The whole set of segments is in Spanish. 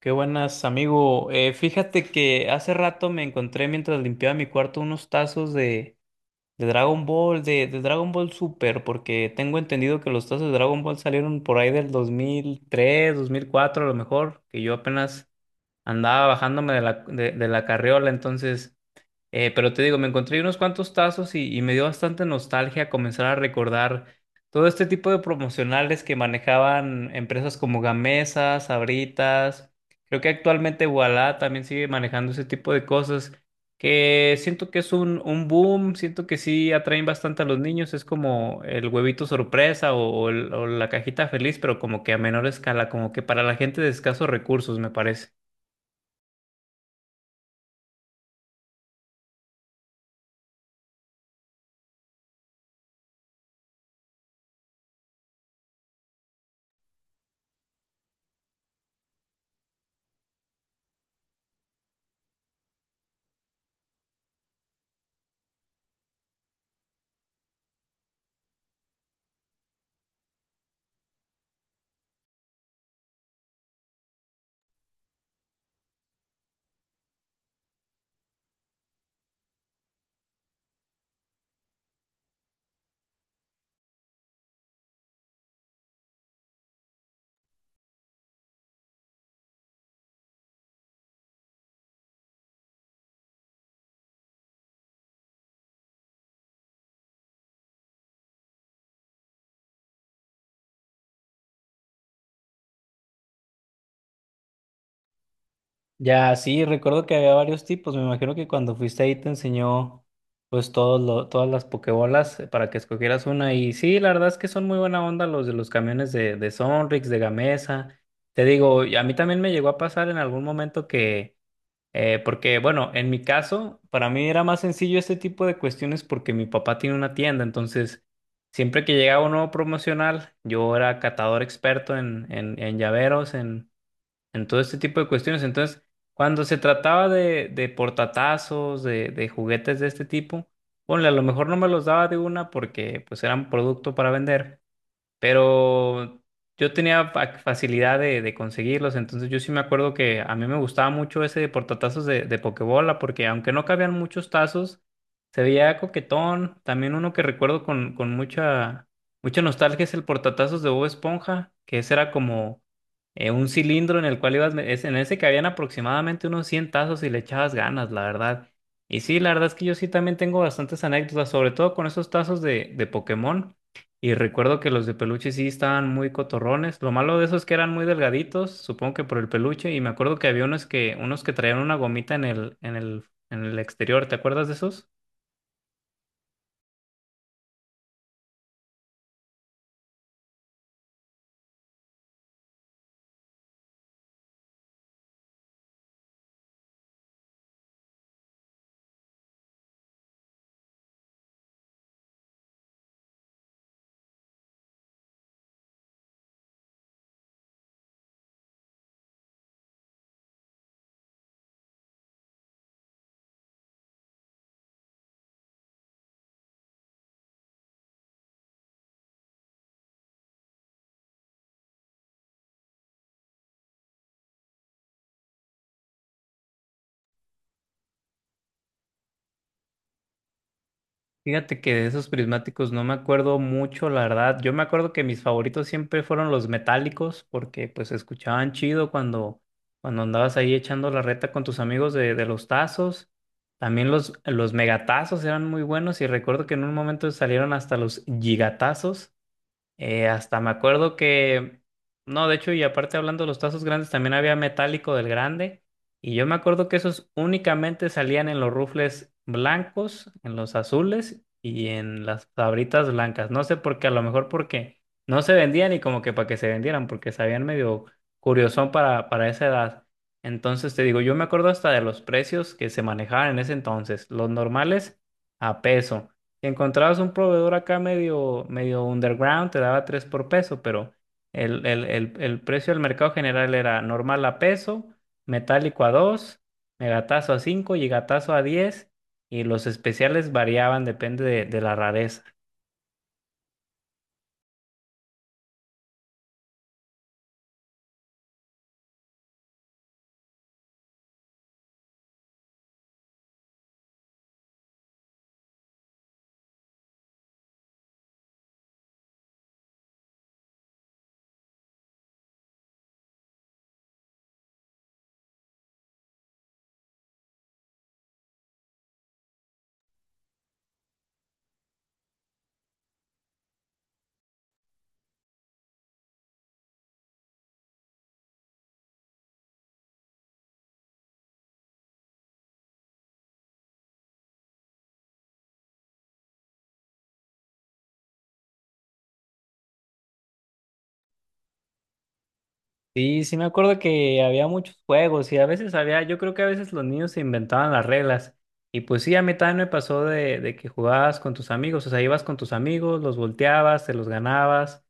Qué buenas, amigo. Fíjate que hace rato me encontré mientras limpiaba mi cuarto unos tazos de Dragon Ball, de Dragon Ball Super, porque tengo entendido que los tazos de Dragon Ball salieron por ahí del 2003 2004 a lo mejor, que yo apenas andaba bajándome de la carriola, pero te digo, me encontré unos cuantos tazos y me dio bastante nostalgia comenzar a recordar todo este tipo de promocionales que manejaban empresas como Gamesa, Sabritas. Creo que actualmente Ualá también sigue manejando ese tipo de cosas que siento que es un boom, siento que sí atraen bastante a los niños. Es como el huevito sorpresa o la cajita feliz, pero como que a menor escala, como que para la gente de escasos recursos, me parece. Ya, sí, recuerdo que había varios tipos. Me imagino que cuando fuiste ahí te enseñó pues todas las pokebolas para que escogieras una. Y sí, la verdad es que son muy buena onda los de los camiones de Sonrix, de Gamesa. Te digo, y a mí también me llegó a pasar en algún momento que, porque bueno, en mi caso, para mí era más sencillo este tipo de cuestiones porque mi papá tiene una tienda. Entonces, siempre que llegaba un nuevo promocional, yo era catador experto en llaveros, en todo este tipo de cuestiones. Entonces, cuando se trataba de portatazos, de juguetes de este tipo, ponle, a lo mejor no me los daba de una porque pues eran producto para vender, pero yo tenía facilidad de conseguirlos, entonces yo sí me acuerdo que a mí me gustaba mucho ese de portatazos de Pokebola, porque aunque no cabían muchos tazos, se veía coquetón. También uno que recuerdo con mucha nostalgia es el portatazos de Bob Esponja, que ese era como un cilindro en el cual ibas, en ese cabían aproximadamente unos 100 tazos y le echabas ganas, la verdad. Y sí, la verdad es que yo sí también tengo bastantes anécdotas, sobre todo con esos tazos de Pokémon. Y recuerdo que los de peluche sí estaban muy cotorrones. Lo malo de esos es que eran muy delgaditos, supongo que por el peluche. Y me acuerdo que había unos que traían una gomita en el exterior. ¿Te acuerdas de esos? Fíjate que de esos prismáticos no me acuerdo mucho, la verdad. Yo me acuerdo que mis favoritos siempre fueron los metálicos, porque pues se escuchaban chido cuando andabas ahí echando la reta con tus amigos de los tazos. También los megatazos eran muy buenos y recuerdo que en un momento salieron hasta los gigatazos. Hasta me acuerdo que, no, De hecho, y aparte hablando de los tazos grandes, también había metálico del grande. Y yo me acuerdo que esos únicamente salían en los rufles blancos, en los azules y en las sabritas blancas. No sé por qué, a lo mejor porque no se vendían y como que para que se vendieran, porque sabían medio curiosón para esa edad. Entonces te digo, yo me acuerdo hasta de los precios que se manejaban en ese entonces. Los normales a peso. Si encontrabas un proveedor acá medio underground, te daba 3 por peso, pero el precio del mercado general era normal a peso, metálico a 2, megatazo a 5 y gatazo a 10, y los especiales variaban, depende de la rareza. Sí, sí me acuerdo que había muchos juegos y a veces había, yo creo que a veces los niños se inventaban las reglas. Y pues sí, a mí también me pasó de que jugabas con tus amigos, o sea, ibas con tus amigos, los volteabas, te los ganabas.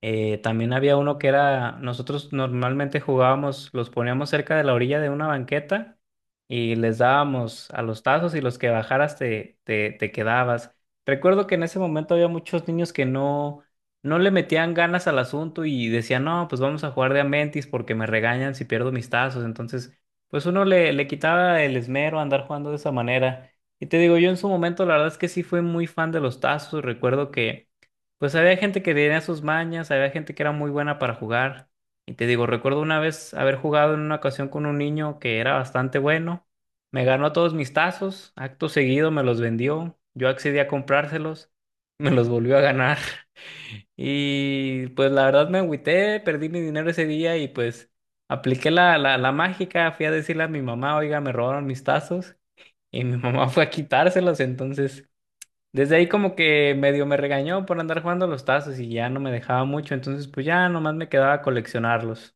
También había uno que era, nosotros normalmente jugábamos, los poníamos cerca de la orilla de una banqueta y les dábamos a los tazos y los que bajaras te quedabas. Recuerdo que en ese momento había muchos niños que no le metían ganas al asunto y decían, no, pues vamos a jugar de a mentis porque me regañan si pierdo mis tazos. Entonces, pues uno le quitaba el esmero a andar jugando de esa manera. Y te digo, yo en su momento la verdad es que sí fui muy fan de los tazos. Recuerdo que... Pues había gente que tenía sus mañas, había gente que era muy buena para jugar. Y te digo, recuerdo una vez haber jugado en una ocasión con un niño que era bastante bueno. Me ganó todos mis tazos, acto seguido me los vendió, yo accedí a comprárselos, me los volvió a ganar. Y pues la verdad me agüité, perdí mi dinero ese día y pues apliqué la mágica, fui a decirle a mi mamá, oiga, me robaron mis tazos y mi mamá fue a quitárselos, entonces... Desde ahí como que medio me regañó por andar jugando los tazos y ya no me dejaba mucho, entonces pues ya nomás me quedaba a coleccionarlos.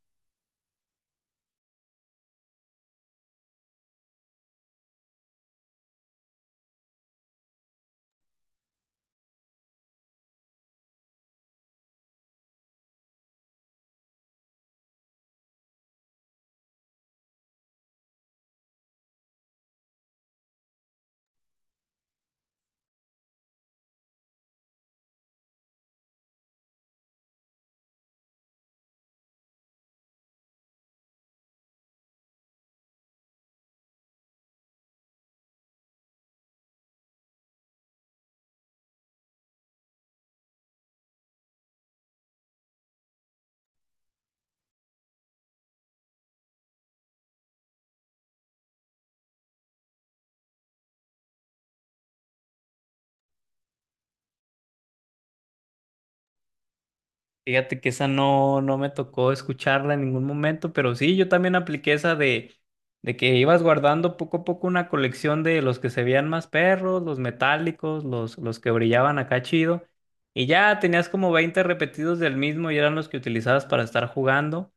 Fíjate que esa no me tocó escucharla en ningún momento, pero sí, yo también apliqué esa de que ibas guardando poco a poco una colección de los que se veían más perros, los metálicos, los que brillaban acá chido, y ya tenías como 20 repetidos del mismo y eran los que utilizabas para estar jugando.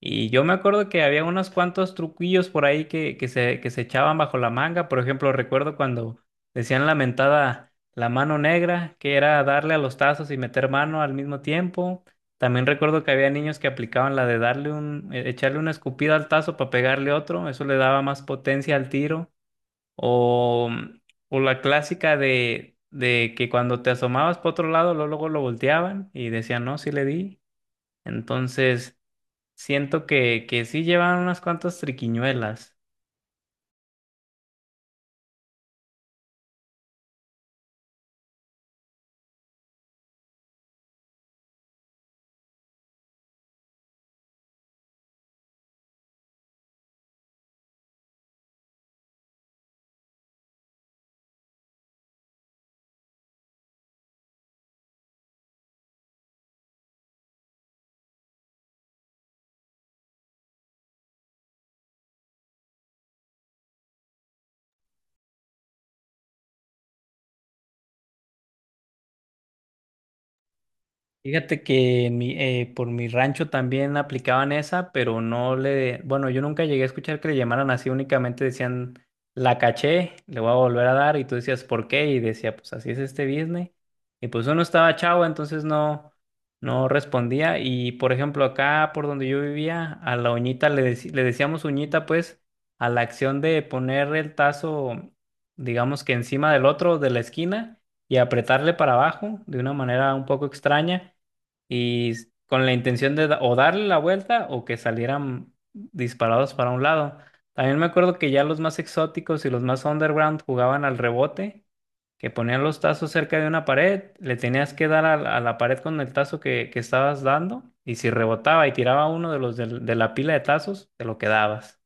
Y yo me acuerdo que había unos cuantos truquillos por ahí que se echaban bajo la manga. Por ejemplo, recuerdo cuando decían la mentada la mano negra, que era darle a los tazos y meter mano al mismo tiempo. También recuerdo que había niños que aplicaban la de darle echarle una escupida al tazo para pegarle otro. Eso le daba más potencia al tiro. O, o la clásica de que cuando te asomabas para otro lado, luego luego lo volteaban y decían, no, sí le di. Entonces. Siento que sí llevan unas cuantas triquiñuelas. Fíjate que en por mi rancho también aplicaban esa, pero no le, bueno, yo nunca llegué a escuchar que le llamaran así, únicamente decían, la caché, le voy a volver a dar, y tú decías, ¿por qué? Y decía, pues así es este business. Y pues uno estaba chavo, entonces no respondía. Y por ejemplo, acá por donde yo vivía, a la uñita le decíamos uñita, pues, a la acción de poner el tazo, digamos que encima del otro de la esquina y apretarle para abajo de una manera un poco extraña y con la intención de o darle la vuelta o que salieran disparados para un lado. También me acuerdo que ya los más exóticos y los más underground jugaban al rebote, que ponían los tazos cerca de una pared, le tenías que dar a la pared con el tazo que estabas dando y si rebotaba y tiraba uno de la pila de tazos, te lo quedabas.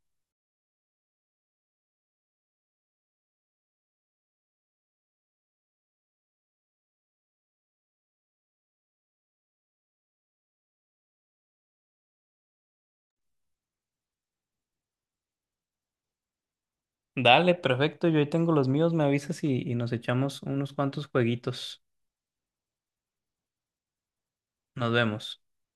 Dale, perfecto, yo ahí tengo los míos, me avisas y nos echamos unos cuantos jueguitos. Nos vemos.